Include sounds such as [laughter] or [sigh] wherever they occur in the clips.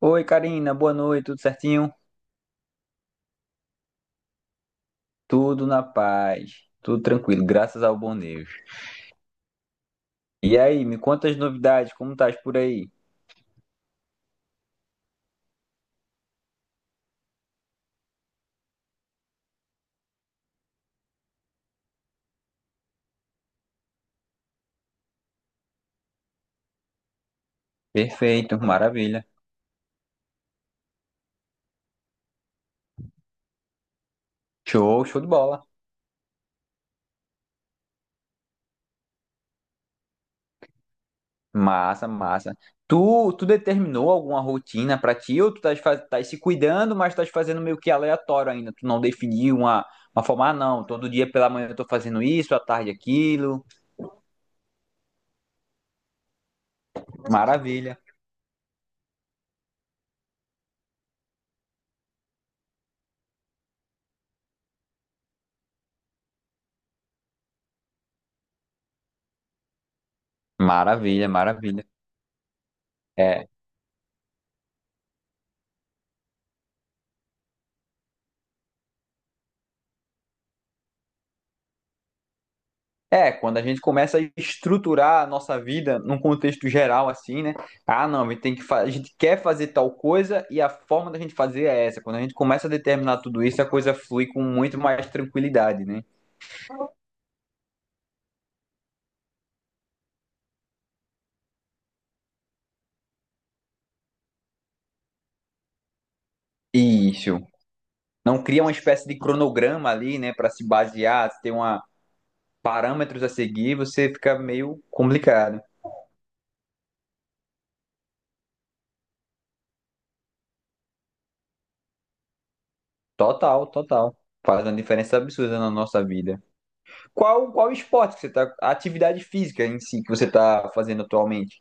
Oi, Karina, boa noite, tudo certinho? Tudo na paz, tudo tranquilo, graças ao bom Deus. E aí, me conta as novidades, como estás por aí? Perfeito, maravilha. Show, show de bola. Massa, massa. Tu determinou alguma rotina pra ti ou tu estás tás se cuidando, mas estás fazendo meio que aleatório ainda? Tu não definiu uma forma. Ah, não, todo dia pela manhã eu tô fazendo isso, à tarde aquilo. Maravilha, maravilha, maravilha. É, Quando a gente começa a estruturar a nossa vida num contexto geral, assim, né? Ah, não, a gente a gente quer fazer tal coisa e a forma da gente fazer é essa. Quando a gente começa a determinar tudo isso, a coisa flui com muito mais tranquilidade, né? Isso. Não cria uma espécie de cronograma ali, né, para se basear, se tem uma parâmetros a seguir, você fica meio complicado. Total, total. Faz uma diferença absurda na nossa vida. Qual esporte que você tá, a atividade física em si que você tá fazendo atualmente?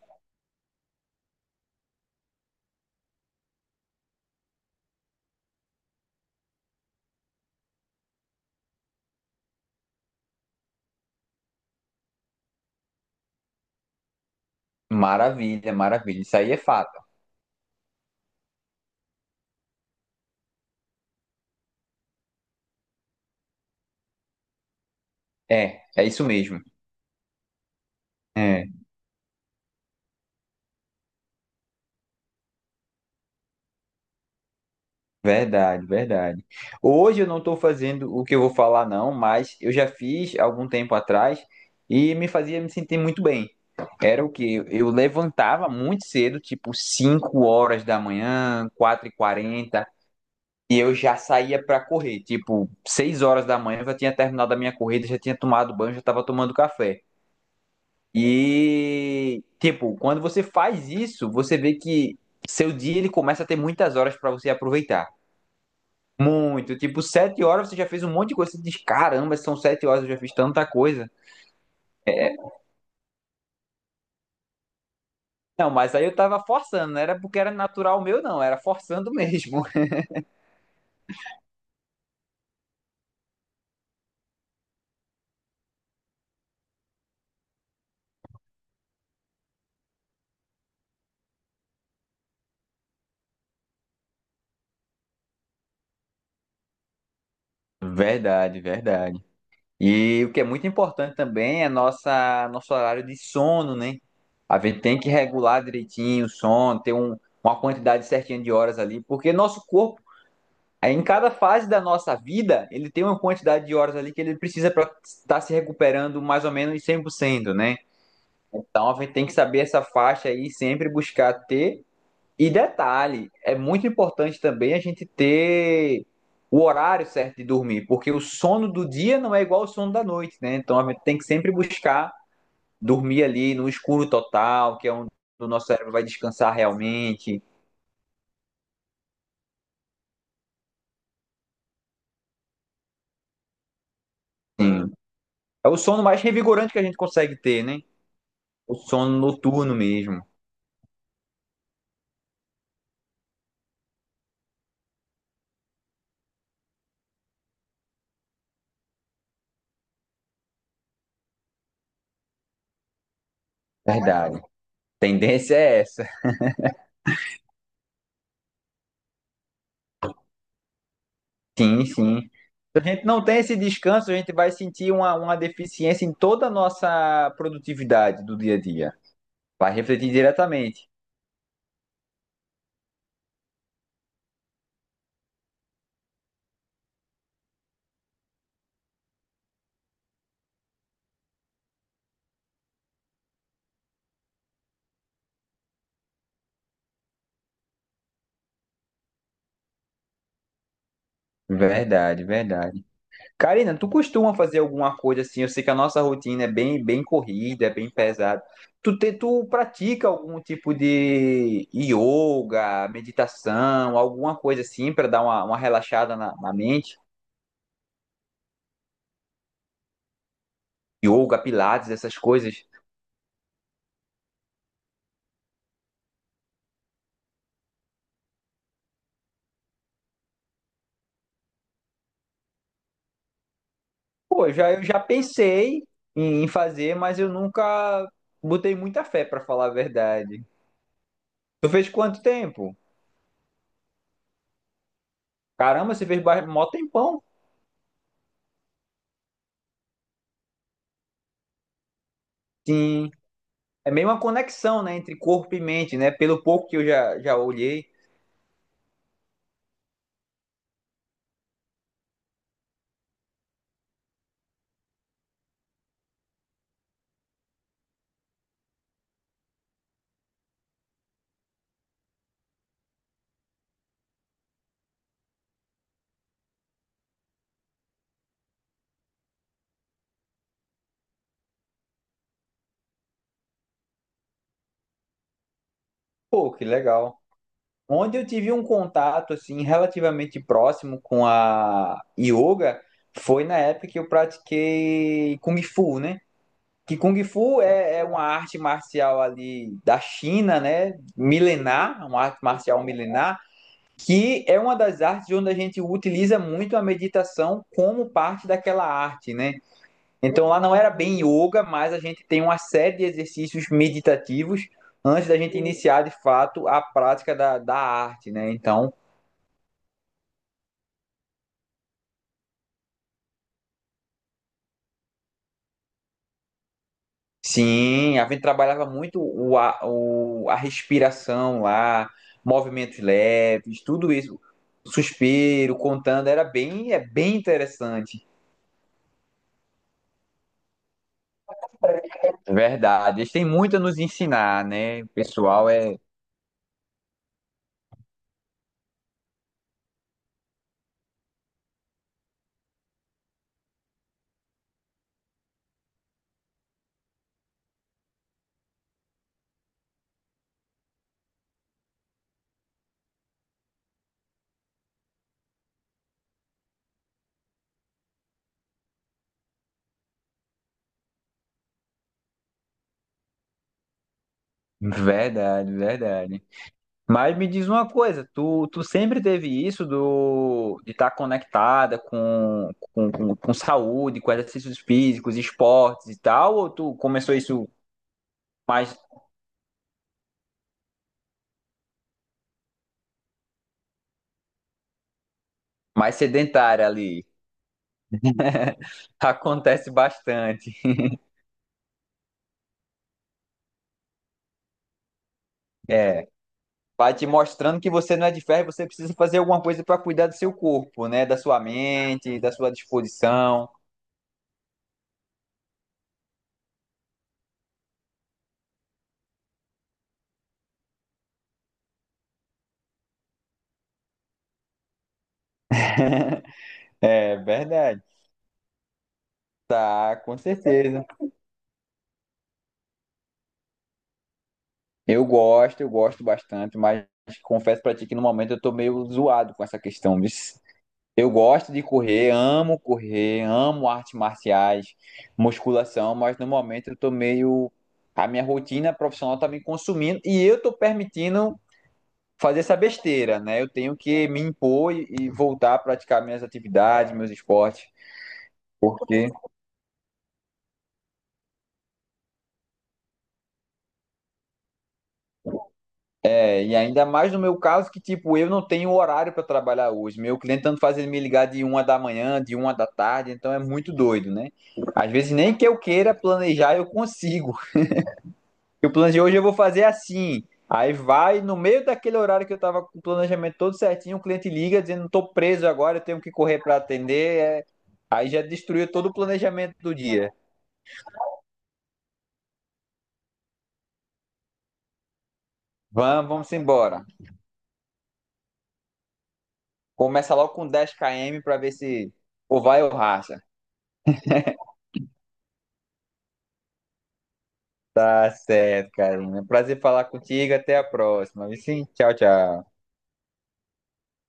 Maravilha, maravilha. Isso aí é fato. É, é isso mesmo. É, verdade, verdade. Hoje eu não estou fazendo o que eu vou falar, não, mas eu já fiz algum tempo atrás e me fazia me sentir muito bem. Era o que eu levantava muito cedo, tipo 5 horas da manhã, 4h40, e eu já saía para correr. Tipo, 6 horas da manhã eu já tinha terminado a minha corrida, já tinha tomado banho, já estava tomando café. E, tipo, quando você faz isso, você vê que seu dia ele começa a ter muitas horas pra você aproveitar. Muito, tipo, 7 horas você já fez um monte de coisa. Você diz, caramba, são 7 horas, eu já fiz tanta coisa. Não, mas aí eu tava forçando, não era porque era natural meu, não, era forçando mesmo. [laughs] Verdade, verdade. E o que é muito importante também é nossa, nosso horário de sono, né? A gente tem que regular direitinho o sono, ter uma quantidade certinha de horas ali, porque nosso corpo. Aí, em cada fase da nossa vida, ele tem uma quantidade de horas ali que ele precisa para estar se recuperando mais ou menos 100%, né? Então, a gente tem que saber essa faixa aí, sempre buscar ter. E detalhe, é muito importante também a gente ter o horário certo de dormir, porque o sono do dia não é igual ao sono da noite, né? Então, a gente tem que sempre buscar dormir ali no escuro total, que é onde o nosso cérebro vai descansar realmente. Sim. É o sono mais revigorante que a gente consegue ter, né? O sono noturno mesmo. Verdade. Tendência é essa. Sim, sim. Se a gente não tem esse descanso, a gente vai sentir uma deficiência em toda a nossa produtividade do dia a dia. Vai refletir diretamente. Verdade, verdade. Karina, tu costuma fazer alguma coisa assim? Eu sei que a nossa rotina é bem corrida, é bem pesada. Tu pratica algum tipo de yoga, meditação, alguma coisa assim para dar uma relaxada na mente? Yoga, pilates, essas coisas. Pô, eu já pensei em fazer, mas eu nunca botei muita fé, pra falar a verdade. Tu fez quanto tempo? Caramba, você mó tempão. Sim. É meio uma conexão, né, entre corpo e mente, né? Pelo pouco que já olhei. Pô, que legal. Onde eu tive um contato, assim, relativamente próximo com a yoga foi na época que eu pratiquei Kung Fu, né? Que Kung Fu é uma arte marcial ali da China, né? Milenar, uma arte marcial milenar, que é uma das artes onde a gente utiliza muito a meditação como parte daquela arte, né? Então lá não era bem yoga, mas a gente tem uma série de exercícios meditativos antes da gente iniciar de fato a prática da arte, né? Então sim, a gente trabalhava muito a respiração lá, movimentos leves, tudo isso, suspiro, contando, é bem interessante. Verdade, eles têm muito a nos ensinar, né? O pessoal é verdade, verdade. Mas me diz uma coisa, tu sempre teve isso do de estar conectada com saúde, com exercícios físicos, esportes e tal, ou tu começou isso mais, mais sedentária ali? Acontece bastante. É. Vai te mostrando que você não é de ferro, e você precisa fazer alguma coisa para cuidar do seu corpo, né? Da sua mente, da sua disposição. [laughs] É verdade. Tá, com certeza. Eu gosto bastante, mas confesso pra ti que no momento eu tô meio zoado com essa questão. Bis. Eu gosto de correr, amo artes marciais, musculação, mas no momento eu tô meio. A minha rotina profissional tá me consumindo e eu tô permitindo fazer essa besteira, né? Eu tenho que me impor e voltar a praticar minhas atividades, meus esportes. Porque, é, e ainda mais no meu caso, que tipo, eu não tenho horário para trabalhar hoje. Meu cliente tanto faz ele me ligar de uma da manhã, de uma da tarde, então é muito doido, né? Às vezes nem que eu queira planejar, eu consigo. Eu planejei hoje, eu vou fazer assim. Aí vai, no meio daquele horário que eu tava com o planejamento todo certinho, o cliente liga dizendo, tô preso agora, eu tenho que correr para atender. É. Aí já destruiu todo o planejamento do dia. Vamos, vamos embora. Começa logo com 10 km para ver se ou vai ou racha. Tá certo, Karina. Prazer falar contigo. Até a próxima. Viu? Sim, tchau, tchau.